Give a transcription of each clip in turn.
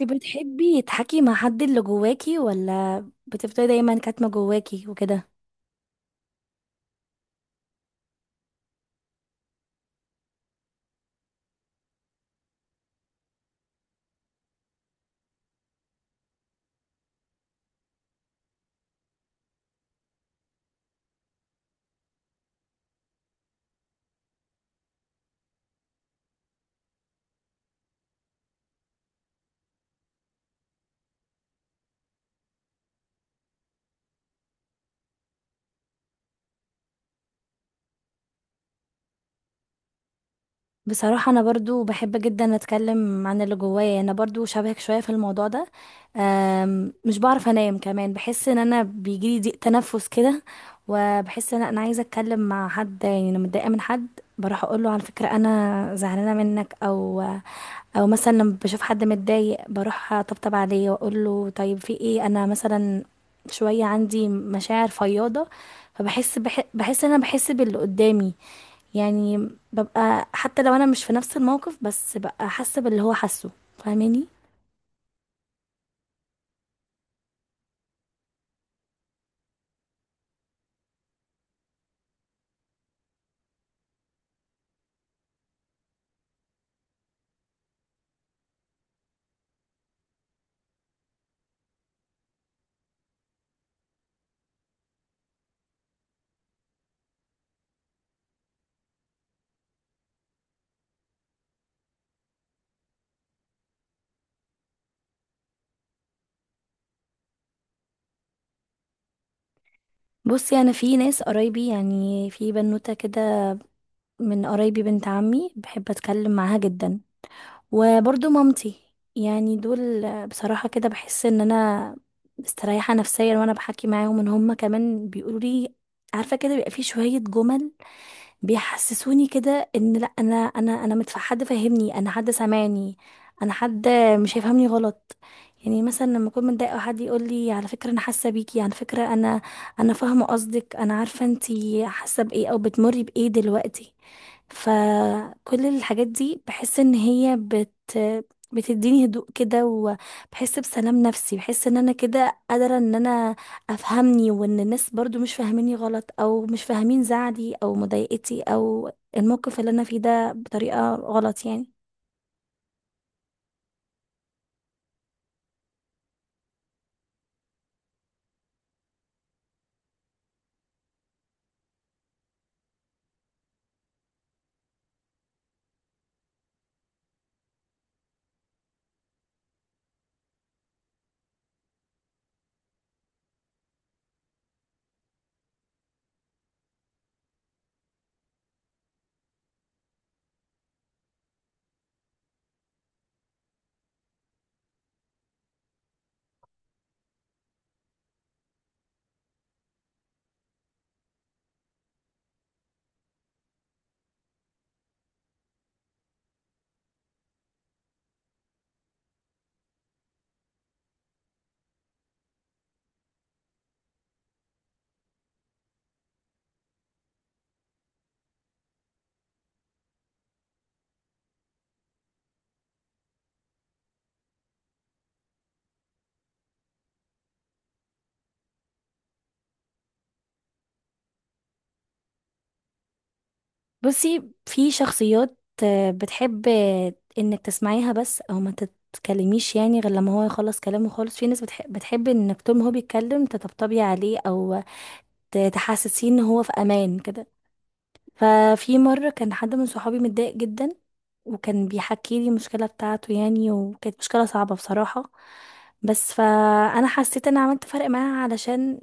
انت بتحبي تحكي مع حد اللي جواكي ولا بتفضلي دايما كاتمة جواكي وكده؟ بصراحة انا برضو بحب جدا اتكلم عن اللي جوايا، يعني انا برضو شبهك شوية في الموضوع ده. مش بعرف انام كمان، بحس ان انا بيجيلي ضيق تنفس كده، وبحس ان انا عايزة اتكلم مع حد. يعني انا متضايقة من حد، بروح اقول له على فكرة انا زعلانة منك، او مثلا لما بشوف حد متضايق بروح اطبطب عليه واقول له طيب في ايه. انا مثلا شويه عندي مشاعر فياضه، بحس ان انا بحس باللي قدامي، يعني ببقى حتى لو انا مش في نفس الموقف بس ببقى حاسه باللي هو حاسه. فاهماني؟ بصي، انا في ناس قرايبي، يعني في بنوته كده من قرايبي، بنت عمي، بحب اتكلم معاها جدا، وبرضو مامتي. يعني دول بصراحة كده بحس ان انا مستريحة نفسيا وانا بحكي معاهم، ان هما كمان بيقولوا لي، عارفة كده بيبقى في شوية جمل بيحسسوني كده ان لا، حد فاهمني، انا حد سامعني، انا حد مش هيفهمني غلط. يعني مثلا لما اكون متضايقه وحد يقول لي على فكره انا حاسه بيكي، على فكره انا فاهمه قصدك، انا عارفه انتي حاسه بايه او بتمري بايه دلوقتي. فكل الحاجات دي بحس ان هي بتديني هدوء كده، وبحس بسلام نفسي، بحس ان انا كده قادره ان انا افهمني، وان الناس برضو مش فاهميني غلط، او مش فاهمين زعلي او مضايقتي او الموقف اللي انا فيه ده بطريقة غلط يعني. بصي، في شخصيات بتحب انك تسمعيها بس، او ما تتكلميش يعني غير لما هو يخلص كلامه خالص. في ناس بتحب انك طول ما هو بيتكلم تطبطبي عليه، او تحسسيه ان هو في امان كده. ففي مرة كان حد من صحابي متضايق جدا، وكان بيحكي لي المشكلة بتاعته يعني، وكانت مشكلة صعبة بصراحة. بس فأنا حسيت أنا عملت فرق معاها، علشان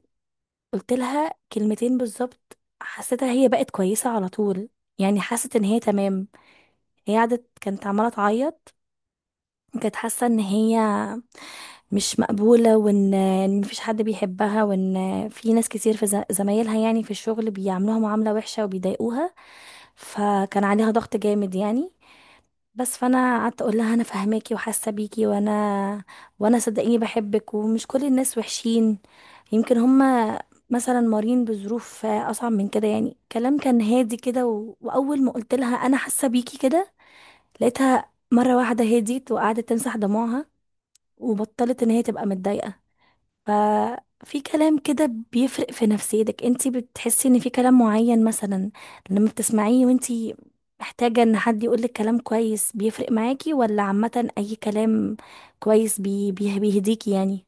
قلت لها كلمتين بالظبط حسيتها هي بقت كويسة على طول، يعني حست إن هي تمام. هي قعدت كانت عمالة تعيط، وكانت حاسة إن هي مش مقبولة، وان إن مفيش حد بيحبها، وان في ناس كتير في زمايلها يعني في الشغل بيعاملوها معاملة وحشة وبيضايقوها، فكان عليها ضغط جامد يعني. بس فانا قعدت اقول لها انا فاهماكي وحاسه بيكي، وانا صدقيني بحبك، ومش كل الناس وحشين، يمكن هما مثلا مارين بظروف اصعب من كده. يعني كلام كان هادي كده، واول ما قلت لها انا حاسه بيكي كده، لقيتها مره واحده هديت، وقعدت تمسح دموعها، وبطلت ان هي تبقى متضايقه. ففي كلام كده بيفرق في نفسيتك. انتي بتحسي ان في كلام معين مثلا لما بتسمعيه وانتي محتاجة ان حد يقولك كلام كويس بيفرق معاكي، ولا عامة اي كلام كويس بيهديكي يعني؟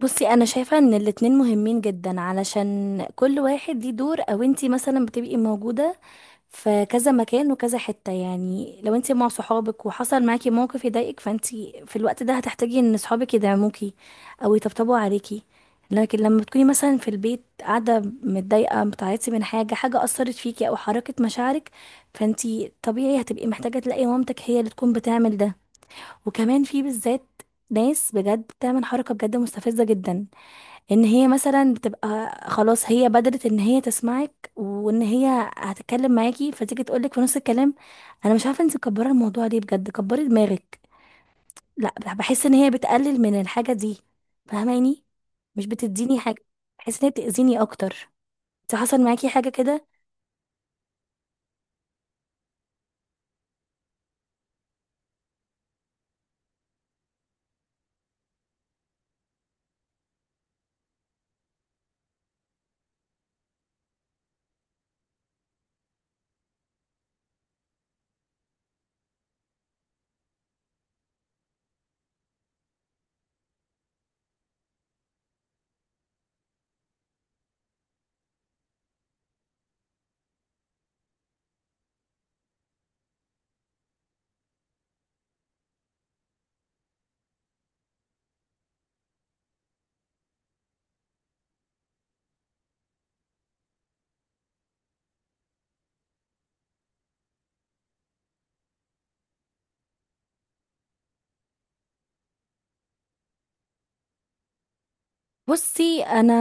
بصي، انا شايفة ان الاتنين مهمين جدا، علشان كل واحد ليه دور. او انتي مثلا بتبقي موجودة في كذا مكان وكذا حتة، يعني لو انتي مع صحابك وحصل معاكي موقف يضايقك، فانتي في الوقت ده هتحتاجي ان صحابك يدعموكي او يطبطبوا عليكي. لكن لما تكوني مثلا في البيت قاعدة متضايقة بتعيطي من حاجة أثرت فيكي أو حركت مشاعرك، فانتي طبيعي هتبقي محتاجة تلاقي مامتك هي اللي تكون بتعمل ده. وكمان في بالذات ناس بجد بتعمل حركة بجد مستفزة جدا، ان هي مثلا بتبقى خلاص هي بدرت ان هي تسمعك وان هي هتتكلم معاكي، فتيجي تقولك في نص الكلام انا مش عارفه انت مكبره الموضوع ليه، بجد كبري دماغك. لا، بحس ان هي بتقلل من الحاجه دي. فاهماني؟ مش بتديني حاجه، بحس ان هي بتاذيني اكتر. انت حصل معاكي حاجه كده؟ بصي، انا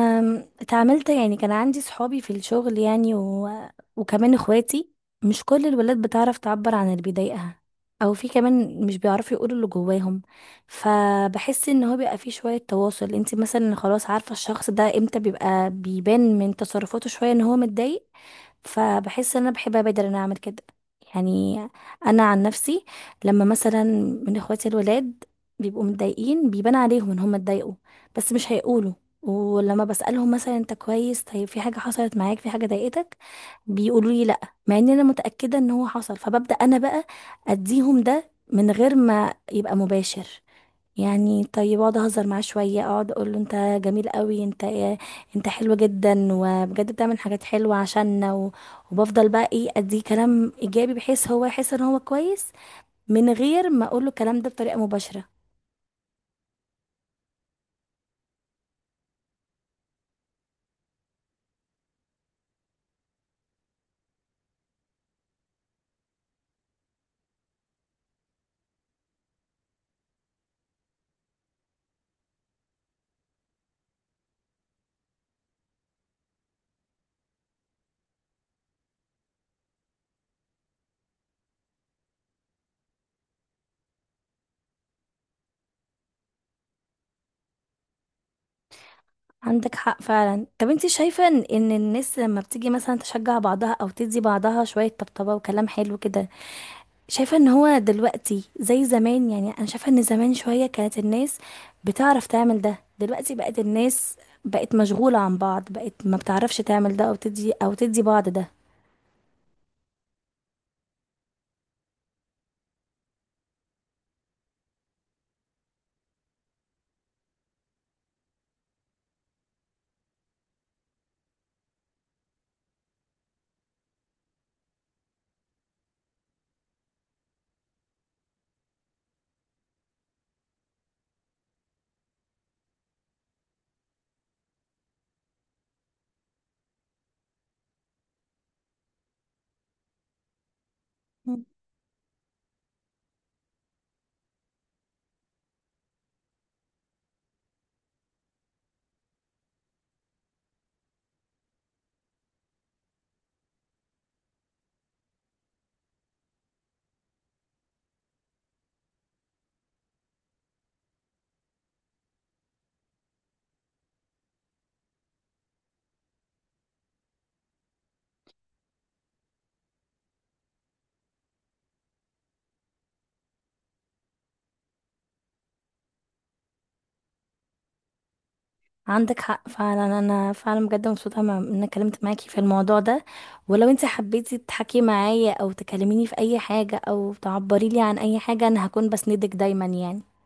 اتعاملت يعني كان عندي صحابي في الشغل يعني وكمان اخواتي، مش كل الولاد بتعرف تعبر عن اللي بيضايقها، او في كمان مش بيعرفوا يقولوا اللي جواهم. فبحس ان هو بيبقى فيه شوية تواصل، انت مثلا خلاص عارفة الشخص ده امتى بيبقى بيبان من تصرفاته شوية ان هو متضايق، فبحس ان انا بحب ابادر ان انا اعمل كده. يعني انا عن نفسي، لما مثلا من اخواتي الولاد بيبقوا متضايقين بيبان عليهم ان هم اتضايقوا بس مش هيقولوا، ولما بسألهم مثلا انت كويس، طيب في حاجة حصلت معاك، في حاجة ضايقتك، بيقولوا لي لا، مع ان انا متأكدة ان هو حصل. فببدأ انا بقى اديهم ده من غير ما يبقى مباشر، يعني طيب اقعد اهزر معاه شويه، اقعد اقول له انت جميل قوي، انت ايه، انت حلو جدا، وبجد بتعمل حاجات حلوه عشاننا، وبفضل بقى ايه اديه كلام ايجابي، بحيث هو يحس ان هو كويس من غير ما اقول له الكلام ده بطريقه مباشره. عندك حق فعلا. طب انت شايفه ان إن الناس لما بتيجي مثلا تشجع بعضها او تدي بعضها شويه طبطبه وكلام حلو كده، شايفة ان هو دلوقتي زي زمان؟ يعني انا شايفة ان زمان شوية كانت الناس بتعرف تعمل ده، دلوقتي بقت الناس بقت مشغولة عن بعض، بقت ما بتعرفش تعمل ده او تدي او بعض ده. مم. عندك حق فعلا، انا فعلا بجد مبسوطة ان انا اتكلمت معاكي في الموضوع ده، ولو انت حبيتي تحكي معايا او تكلميني في اي حاجة او تعبري لي عن اي حاجة انا هكون بسندك دايما يعني.